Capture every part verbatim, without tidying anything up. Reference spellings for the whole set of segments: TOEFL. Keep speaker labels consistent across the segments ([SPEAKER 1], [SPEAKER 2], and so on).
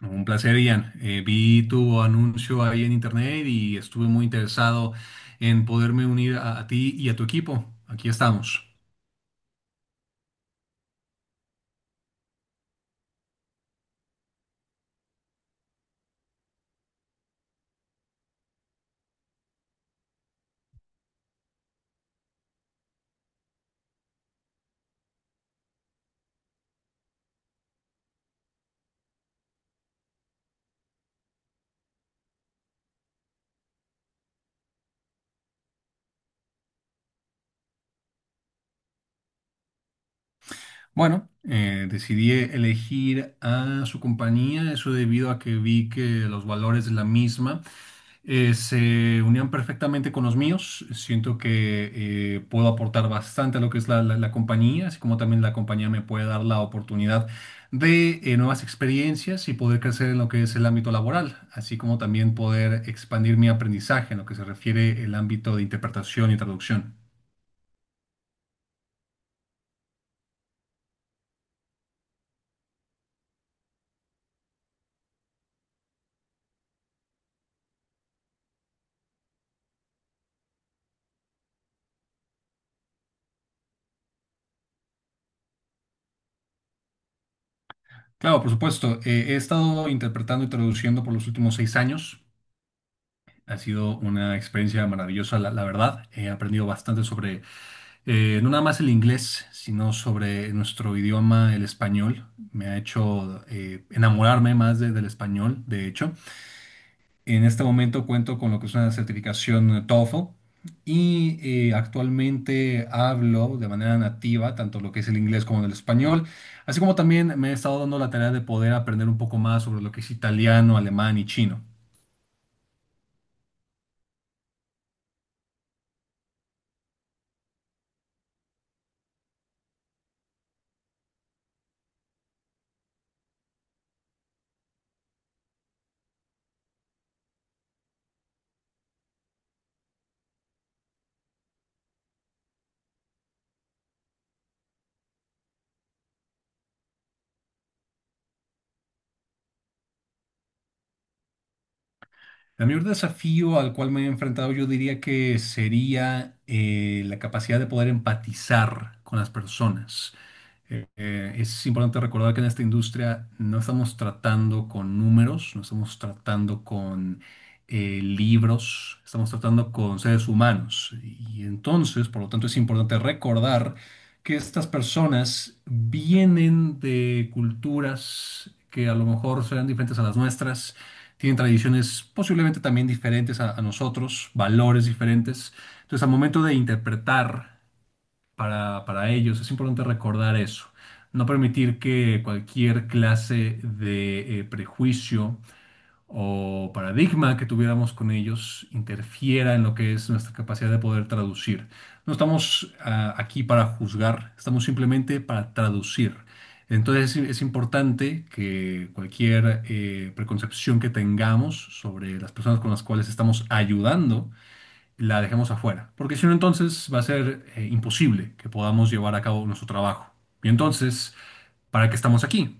[SPEAKER 1] No, un placer, Ian. Eh, vi tu anuncio ahí en internet y estuve muy interesado en poderme unir a, a ti y a tu equipo. Aquí estamos. Bueno, eh, decidí elegir a su compañía, eso debido a que vi que los valores de la misma eh, se unían perfectamente con los míos. Siento que eh, puedo aportar bastante a lo que es la, la- la compañía, así como también la compañía me puede dar la oportunidad de eh, nuevas experiencias y poder crecer en lo que es el ámbito laboral, así como también poder expandir mi aprendizaje en lo que se refiere el ámbito de interpretación y traducción. Claro, por supuesto. Eh, he estado interpretando y traduciendo por los últimos seis años. Ha sido una experiencia maravillosa, la, la verdad. He aprendido bastante sobre, eh, no nada más el inglés, sino sobre nuestro idioma, el español. Me ha hecho eh, enamorarme más de- del español, de hecho. En este momento cuento con lo que es una certificación tofel y eh, actualmente hablo de manera nativa tanto lo que es el inglés como el español, así como también me he estado dando la tarea de poder aprender un poco más sobre lo que es italiano, alemán y chino. El mayor desafío al cual me he enfrentado yo diría que sería eh, la capacidad de poder empatizar con las personas. Eh, eh, es importante recordar que en esta industria no estamos tratando con números, no estamos tratando con eh, libros, estamos tratando con seres humanos. Y entonces, por lo tanto, es importante recordar que estas personas vienen de culturas que a lo mejor serán diferentes a las nuestras, tienen tradiciones posiblemente también diferentes a a nosotros, valores diferentes. Entonces, al momento de interpretar para, para ellos, es importante recordar eso. No permitir que cualquier clase de eh, prejuicio o paradigma que tuviéramos con ellos interfiera en lo que es nuestra capacidad de poder traducir. No estamos ah, aquí para juzgar, estamos simplemente para traducir. Entonces es, es importante que cualquier eh, preconcepción que tengamos sobre las personas con las cuales estamos ayudando, la dejemos afuera, porque si no entonces va a ser eh, imposible que podamos llevar a cabo nuestro trabajo. Y entonces, ¿para qué estamos aquí?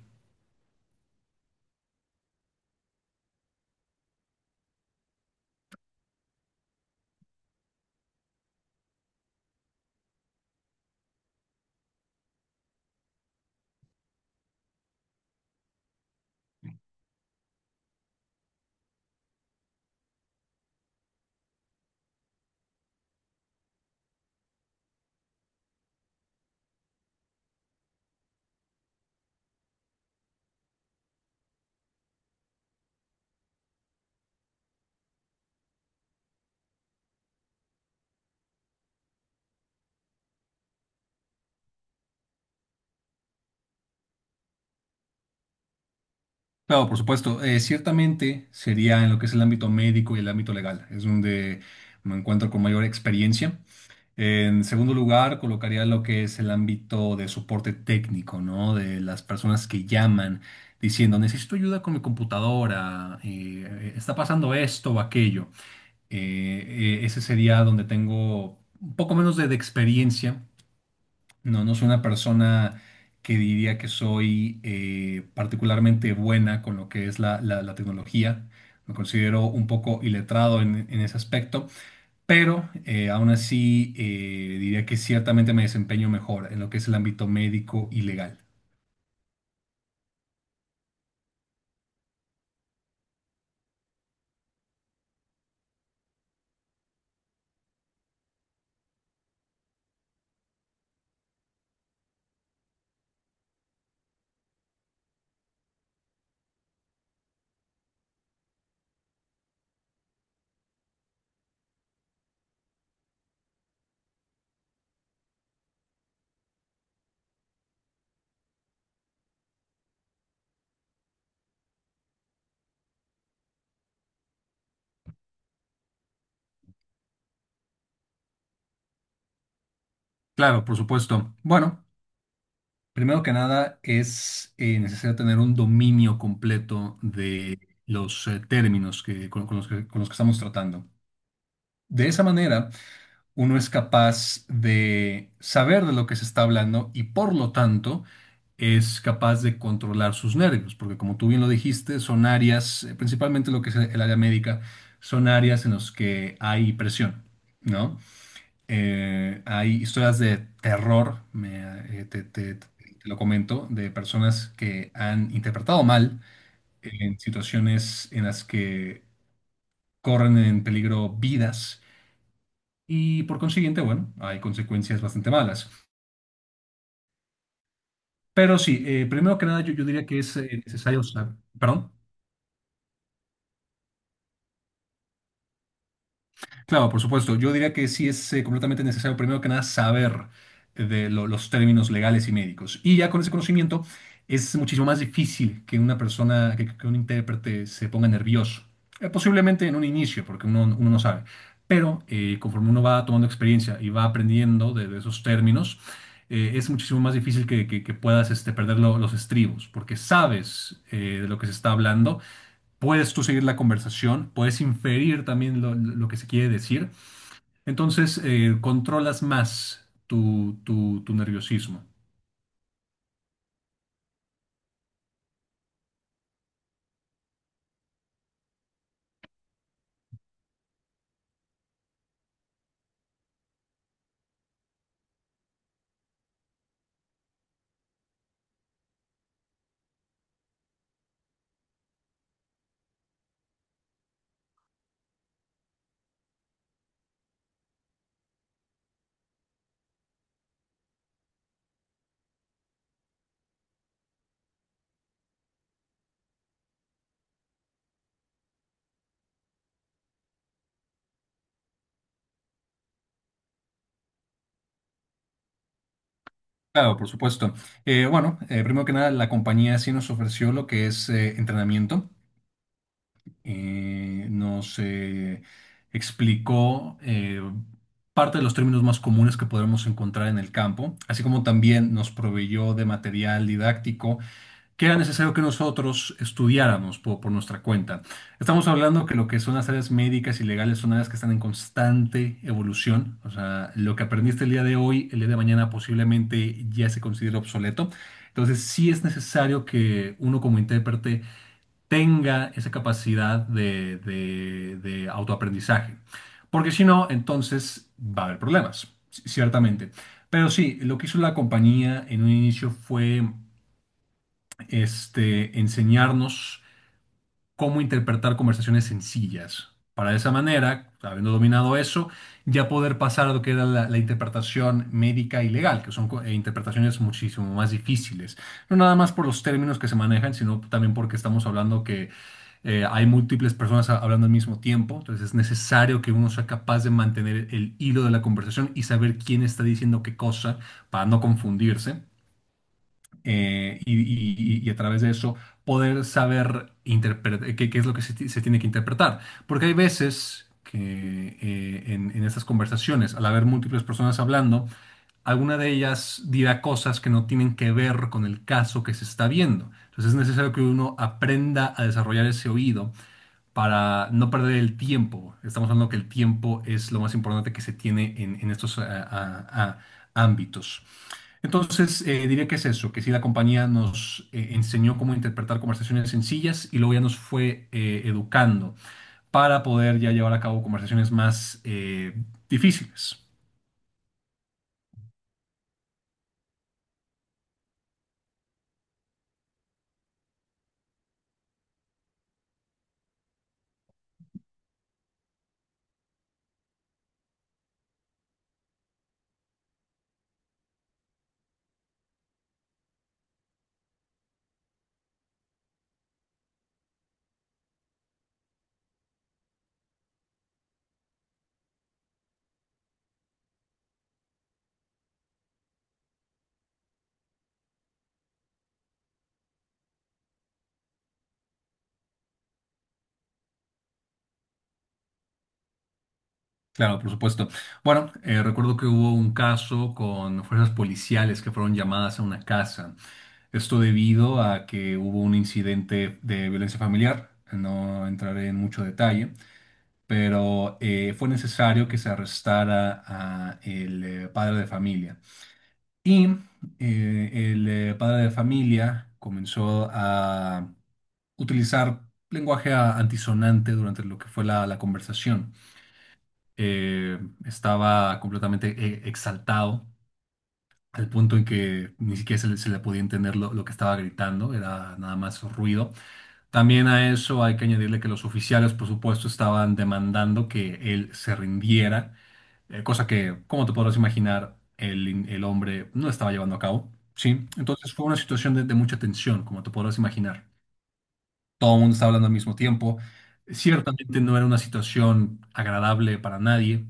[SPEAKER 1] Claro, por supuesto. Eh, ciertamente sería en lo que es el ámbito médico y el ámbito legal, es donde me encuentro con mayor experiencia. En segundo lugar, colocaría lo que es el ámbito de soporte técnico, ¿no? De las personas que llaman diciendo, necesito ayuda con mi computadora, eh, está pasando esto o aquello. Eh, eh, ese sería donde tengo un poco menos de, de experiencia. No, no soy una persona que diría que soy eh, particularmente buena con lo que es la, la- la tecnología. Me considero un poco iletrado en, en ese aspecto, pero eh, aún así eh, diría que ciertamente me desempeño mejor en lo que es el ámbito médico y legal. Claro, por supuesto. Bueno, primero que nada es eh, necesario tener un dominio completo de los eh, términos que, con, con los que, con los que estamos tratando. De esa manera uno es capaz de saber de lo que se está hablando y por lo tanto es capaz de controlar sus nervios, porque como tú bien lo dijiste, son áreas, eh, principalmente lo que es el área médica, son áreas en las que hay presión, ¿no? Eh, hay historias de terror, me, eh, te, te- te lo comento, de personas que han interpretado mal en situaciones en las que corren en peligro vidas y por consiguiente, bueno, hay consecuencias bastante malas. Pero sí, eh, primero que nada, yo, yo diría que es eh, necesario saber. ¿Perdón? Claro, por supuesto. Yo diría que sí es eh, completamente necesario, primero que nada, saber de lo- los términos legales y médicos. Y ya con ese conocimiento es muchísimo más difícil que una persona, que, que un intérprete se ponga nervioso. Eh, posiblemente en un inicio, porque uno, uno no sabe. Pero eh, conforme uno va tomando experiencia y va aprendiendo de, de esos términos, eh, es muchísimo más difícil que, que- que puedas este, perder lo- los estribos, porque sabes eh, de lo que se está hablando. Puedes tú seguir la conversación, puedes inferir también lo, lo que se quiere decir. Entonces, eh, controlas más tu, tu, tu nerviosismo. Claro, por supuesto. Eh, bueno, eh, primero que nada, la compañía sí nos ofreció lo que es eh, entrenamiento. Eh, nos eh, explicó eh, parte de los términos más comunes que podremos encontrar en el campo, así como también nos proveyó de material didáctico que era necesario que nosotros estudiáramos po- por, nuestra cuenta. Estamos hablando que lo que son las áreas médicas y legales son áreas que están en constante evolución. O sea, lo que aprendiste el día de hoy, el día de mañana posiblemente ya se considera obsoleto. Entonces, sí es necesario que uno como intérprete tenga esa capacidad de, de- de autoaprendizaje. Porque si no, entonces va a haber problemas, c- ciertamente. Pero sí, lo que hizo la compañía en un inicio fue este, enseñarnos cómo interpretar conversaciones sencillas. Para de esa manera, habiendo dominado eso, ya poder pasar a lo que era la, la interpretación médica y legal, que son co- eh, interpretaciones muchísimo más difíciles. No nada más por los términos que se manejan, sino también porque estamos hablando que eh, hay múltiples personas a- hablando al mismo tiempo, entonces es necesario que uno sea capaz de mantener el hilo de la conversación y saber quién está diciendo qué cosa para no confundirse eh, y, y- y a través de eso poder saber interpre- qué, qué es lo que se, ti- se tiene que interpretar. Porque hay veces que eh, en, en estas conversaciones, al haber múltiples personas hablando, alguna de ellas dirá cosas que no tienen que ver con el caso que se está viendo. Entonces es necesario que uno aprenda a desarrollar ese oído para no perder el tiempo. Estamos hablando que el tiempo es lo más importante que se tiene en, en estos ah, ah, ah, ámbitos. Entonces, eh, diría que es eso, que sí, la compañía nos eh, enseñó cómo interpretar conversaciones sencillas y luego ya nos fue eh, educando para poder ya llevar a cabo conversaciones más eh, difíciles. Claro, por supuesto. Bueno, eh, recuerdo que hubo un caso con fuerzas policiales que fueron llamadas a una casa. Esto debido a que hubo un incidente de violencia familiar. No entraré en mucho detalle, pero eh, fue necesario que se arrestara a el eh, padre de familia. Y eh, el eh, padre de familia comenzó a utilizar lenguaje a- antisonante durante lo que fue la, la conversación. Eh, Estaba completamente eh, exaltado al punto en que ni siquiera se le, se le podía entender lo, lo que estaba gritando, era nada más ruido. También a eso hay que añadirle que los oficiales, por supuesto, estaban demandando que él se rindiera, eh, cosa que, como te podrás imaginar, el, in- el hombre no estaba llevando a cabo, ¿sí? Entonces fue una situación de, de mucha tensión, como te podrás imaginar. Todo el mundo estaba hablando al mismo tiempo. Ciertamente no era una situación agradable para nadie,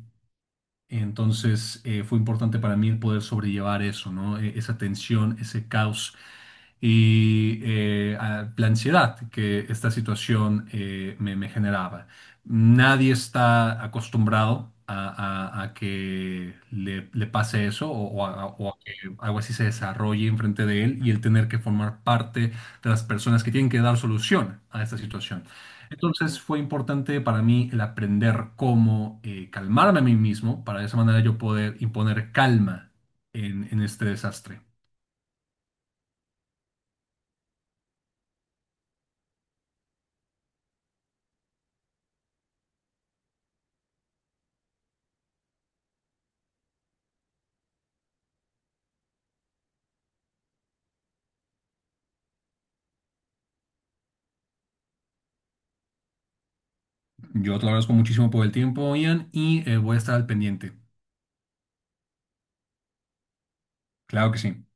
[SPEAKER 1] entonces eh, fue importante para mí el poder sobrellevar eso, ¿no? E- Esa tensión, ese caos y eh, a- la ansiedad que esta situación eh, me, me generaba. Nadie está acostumbrado a, a- a que le, le pase eso o, o a, o a que algo así se desarrolle enfrente de él y el tener que formar parte de las personas que tienen que dar solución a esta situación. Entonces fue importante para mí el aprender cómo eh, calmarme a mí mismo para de esa manera yo poder imponer calma en, en este desastre. Yo te lo agradezco muchísimo por el tiempo, Ian, y eh, voy a estar al pendiente. Claro que sí.